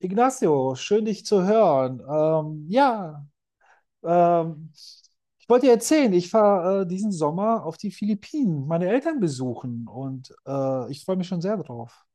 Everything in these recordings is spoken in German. Ignacio, schön dich zu hören. Ja, ähm, ich wollte dir erzählen, ich fahre diesen Sommer auf die Philippinen, meine Eltern besuchen und ich freue mich schon sehr drauf.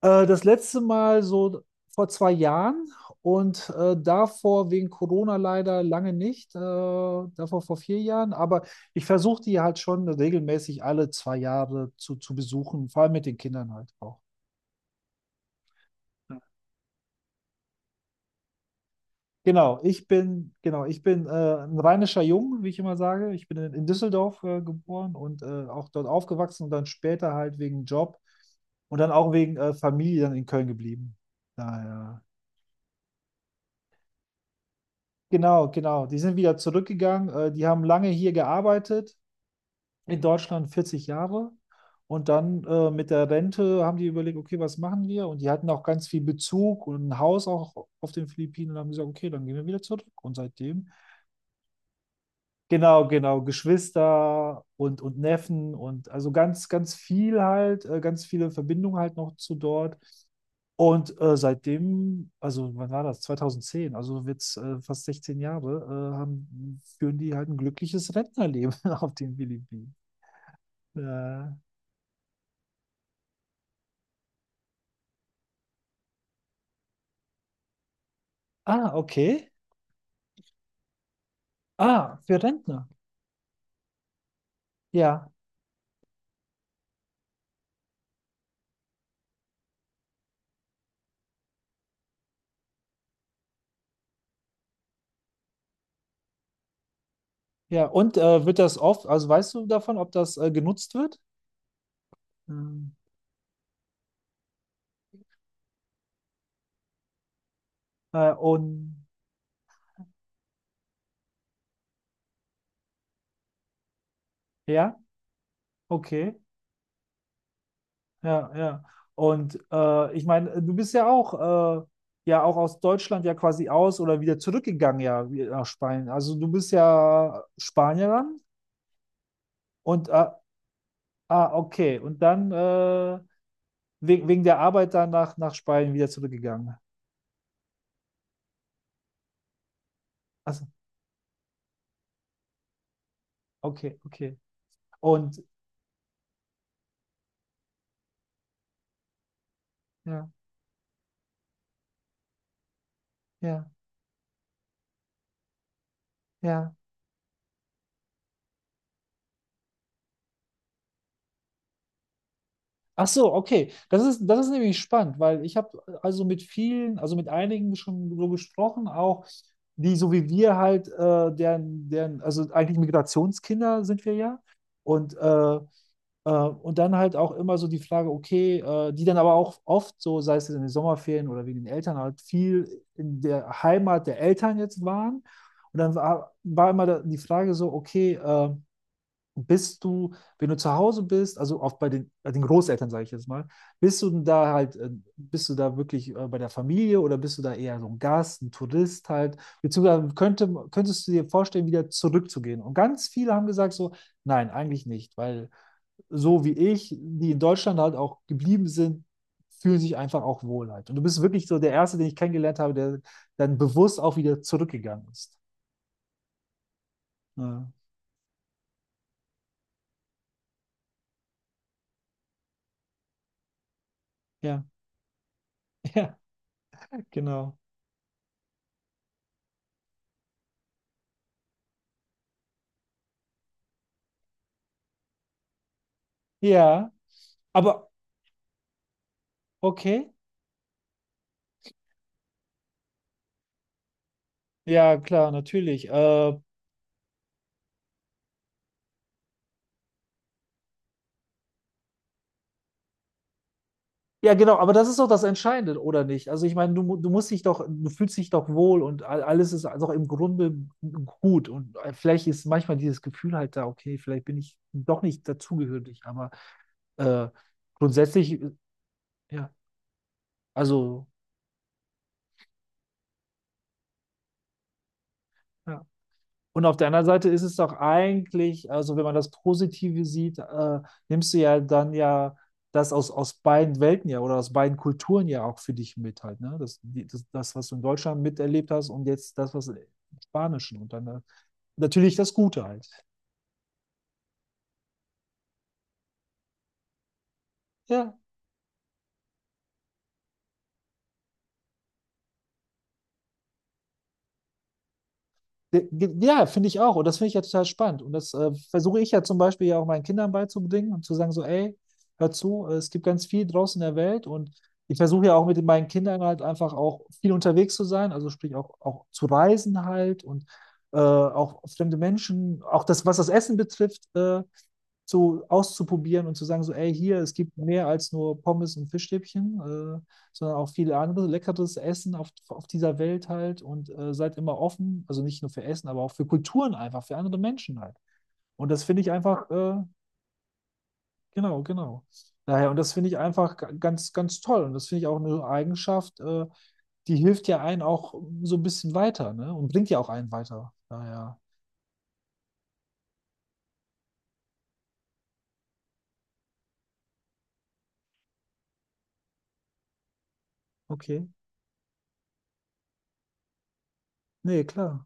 Das letzte Mal so vor 2 Jahren und davor wegen Corona leider lange nicht, davor vor 4 Jahren, aber ich versuche die halt schon regelmäßig alle 2 Jahre zu besuchen, vor allem mit den Kindern halt auch. Genau, ich bin ein rheinischer Jung, wie ich immer sage. Ich bin in Düsseldorf geboren und auch dort aufgewachsen und dann später halt wegen Job und dann auch wegen Familie dann in Köln geblieben. Daher. Genau, genau. Die sind wieder zurückgegangen. Die haben lange hier gearbeitet, in Deutschland 40 Jahre. Und dann mit der Rente haben die überlegt, okay, was machen wir? Und die hatten auch ganz viel Bezug und ein Haus auch auf den Philippinen und haben gesagt, okay, dann gehen wir wieder zurück. Und seitdem. Genau, genau, Geschwister und Neffen und also ganz, ganz viel halt, ganz viele Verbindungen halt noch zu dort. Und seitdem, also wann war das? 2010, also wird's fast 16 Jahre, führen die halt ein glückliches Rentnerleben auf den Philippinen. Äh, ah, okay. Ah, für Rentner. Ja, ja. Und wird das oft, also weißt du davon, ob das genutzt wird? Ähm, und ja, okay. Ja, ja. Und ich meine, du bist ja auch aus Deutschland ja quasi aus oder wieder zurückgegangen ja nach Spanien. Also du bist ja Spanierin und ah, okay. Und dann wegen der Arbeit dann nach Spanien wieder zurückgegangen. Also, okay, okay. Und ja, ja, ja. Ach so, okay. Das ist nämlich spannend, weil ich habe also mit vielen, also mit einigen schon so gesprochen, auch die so wie wir halt, also eigentlich Migrationskinder sind wir ja. Und, äh, und dann halt auch immer so die Frage, okay, die dann aber auch oft so, sei es in den Sommerferien oder wegen den Eltern, halt viel in der Heimat der Eltern jetzt waren. Und dann war immer die Frage so, okay, bist du, wenn du zu Hause bist, also oft bei den Großeltern, sage ich jetzt mal, bist du denn da halt, äh, bist du da wirklich bei der Familie oder bist du da eher so ein Gast, ein Tourist halt? Beziehungsweise könntest du dir vorstellen, wieder zurückzugehen? Und ganz viele haben gesagt so, nein, eigentlich nicht, weil so wie ich, die in Deutschland halt auch geblieben sind, fühlen sich einfach auch wohl halt. Und du bist wirklich so der Erste, den ich kennengelernt habe, der dann bewusst auch wieder zurückgegangen ist. Ja, ja, ja, genau. Ja, aber okay, ja, klar, natürlich. Ja, genau, aber das ist doch das Entscheidende, oder nicht? Also ich meine, du musst dich doch, du fühlst dich doch wohl und alles ist also im Grunde gut. Und vielleicht ist manchmal dieses Gefühl halt da, okay, vielleicht bin ich doch nicht dazugehörig, aber äh, grundsätzlich, ja, also. Ja. Und auf der anderen Seite ist es doch eigentlich, also wenn man das Positive sieht, nimmst du ja dann ja das aus beiden Welten ja oder aus beiden Kulturen ja auch für dich mit halt, ne? Das, die- das, das, was du in Deutschland miterlebt hast und jetzt das, was im Spanischen und dann natürlich das Gute halt. Ja. Ja, finde ich auch. Und das finde ich ja total spannend. Und das versuche ich ja zum Beispiel ja auch meinen Kindern beizubringen und zu sagen so, ey, hör zu, es gibt ganz viel draußen in der Welt. Und ich versuche ja auch mit meinen Kindern halt einfach auch viel unterwegs zu sein. Also sprich auch zu reisen halt und auch fremde Menschen, auch das, was das Essen betrifft. So auszuprobieren und zu sagen, so, ey, hier, es gibt mehr als nur Pommes und Fischstäbchen, sondern auch viele andere leckeres Essen auf dieser Welt halt und seid immer offen, also nicht nur für Essen, aber auch für Kulturen einfach, für andere Menschen halt. Und das finde ich einfach, genau, genau. Daher, und das finde ich einfach ganz, ganz toll. Und das finde ich auch eine Eigenschaft, die hilft ja einen auch so ein bisschen weiter, ne? Und bringt ja auch einen weiter. Daher, okay. Nee, klar.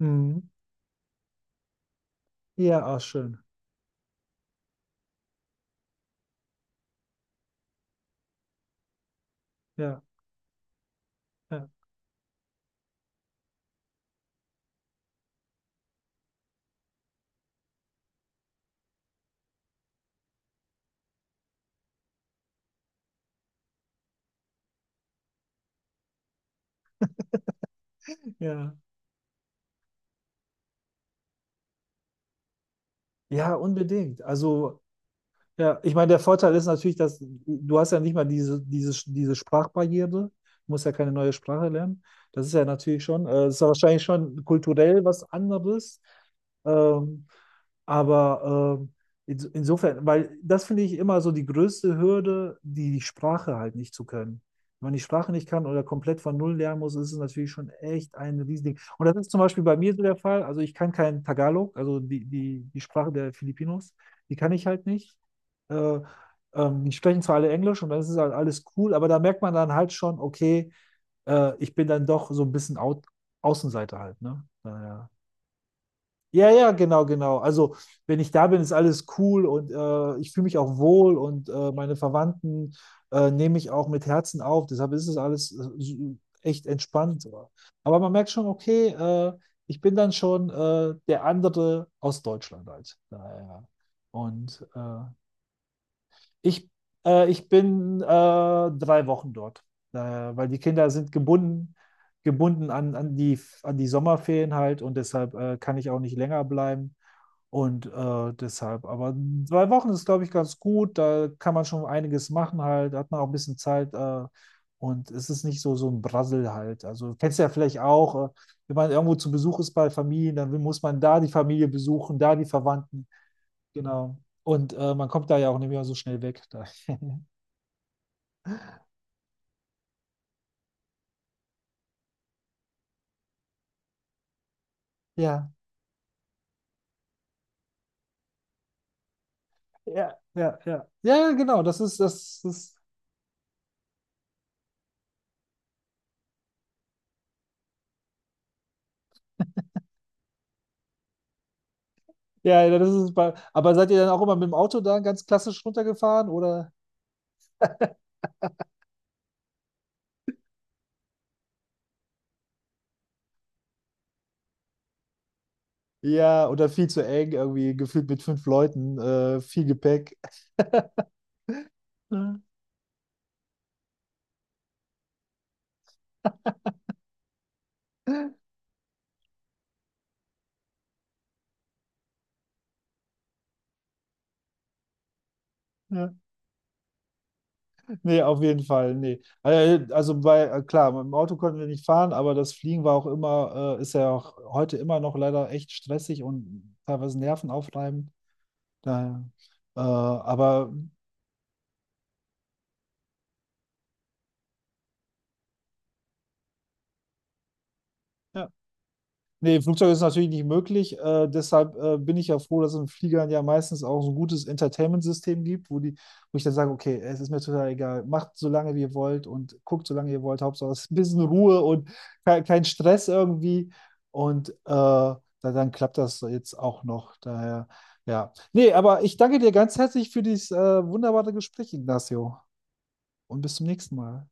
Mhm. Ja, auch schön. Ja, ja, ja. Ja, unbedingt. Also, ja, ich meine, der Vorteil ist natürlich, dass du hast ja nicht mal diese Sprachbarriere, du musst ja keine neue Sprache lernen. Das ist ja natürlich schon, das ist ja wahrscheinlich schon kulturell was anderes. Ähm, aber insofern, weil das finde ich immer so die größte Hürde, die Sprache halt nicht zu können. Wenn man die Sprache nicht kann oder komplett von Null lernen muss, ist es natürlich schon echt ein Riesending. Und das ist zum Beispiel bei mir so der Fall. Also ich kann kein Tagalog, also die Sprache der Filipinos, die kann ich halt nicht. äh, Die sprechen zwar alle Englisch und dann ist es halt alles cool, aber da merkt man dann halt schon, okay, ich bin dann doch so ein bisschen au Außenseiter halt, ne? Naja. Ja, ja, genau, genau. Also, wenn ich da bin, ist alles cool und ich fühle mich auch wohl und meine Verwandten nehme ich auch mit Herzen auf. Deshalb ist es alles so echt entspannt. So. Aber man merkt schon, okay, ich bin dann schon der andere aus Deutschland halt. Naja. Und ich, ich bin 3 Wochen dort, weil die Kinder sind gebunden an die Sommerferien halt und deshalb kann ich auch nicht länger bleiben. Und deshalb, aber 2 Wochen ist, glaube ich, ganz gut. Da kann man schon einiges machen halt, da hat man auch ein bisschen Zeit und es ist nicht so, so ein Brassel halt. Also kennst du ja vielleicht auch, wenn man irgendwo zu Besuch ist bei Familien, dann muss man da die Familie besuchen, da die Verwandten. Genau. Und man kommt da ja auch nicht mehr so schnell weg. Da. Ja, ja, ja, ja. Ja, genau, ja, ja, aber seid ihr dann auch immer mit dem Auto da ganz klassisch runtergefahren oder? Ja, oder viel zu eng, irgendwie gefühlt mit fünf Leuten, viel Gepäck. Ja, ja. Nee, auf jeden Fall, nee. Klar, mit dem Auto konnten wir nicht fahren, aber das Fliegen war auch immer, ist ja auch heute immer noch leider echt stressig und teilweise nervenaufreibend. Daher. Aber ja. Nee, Flugzeug ist natürlich nicht möglich. Deshalb bin ich ja froh, dass es in Fliegern ja meistens auch so ein gutes Entertainment-System gibt, wo ich dann sage, okay, es ist mir total egal, macht so lange wie ihr wollt und guckt so lange ihr wollt, Hauptsache es ist ein bisschen Ruhe und kein Stress irgendwie. Und dann klappt das jetzt auch noch. Daher, ja. Nee, aber ich danke dir ganz herzlich für dieses wunderbare Gespräch, Ignacio. Und bis zum nächsten Mal.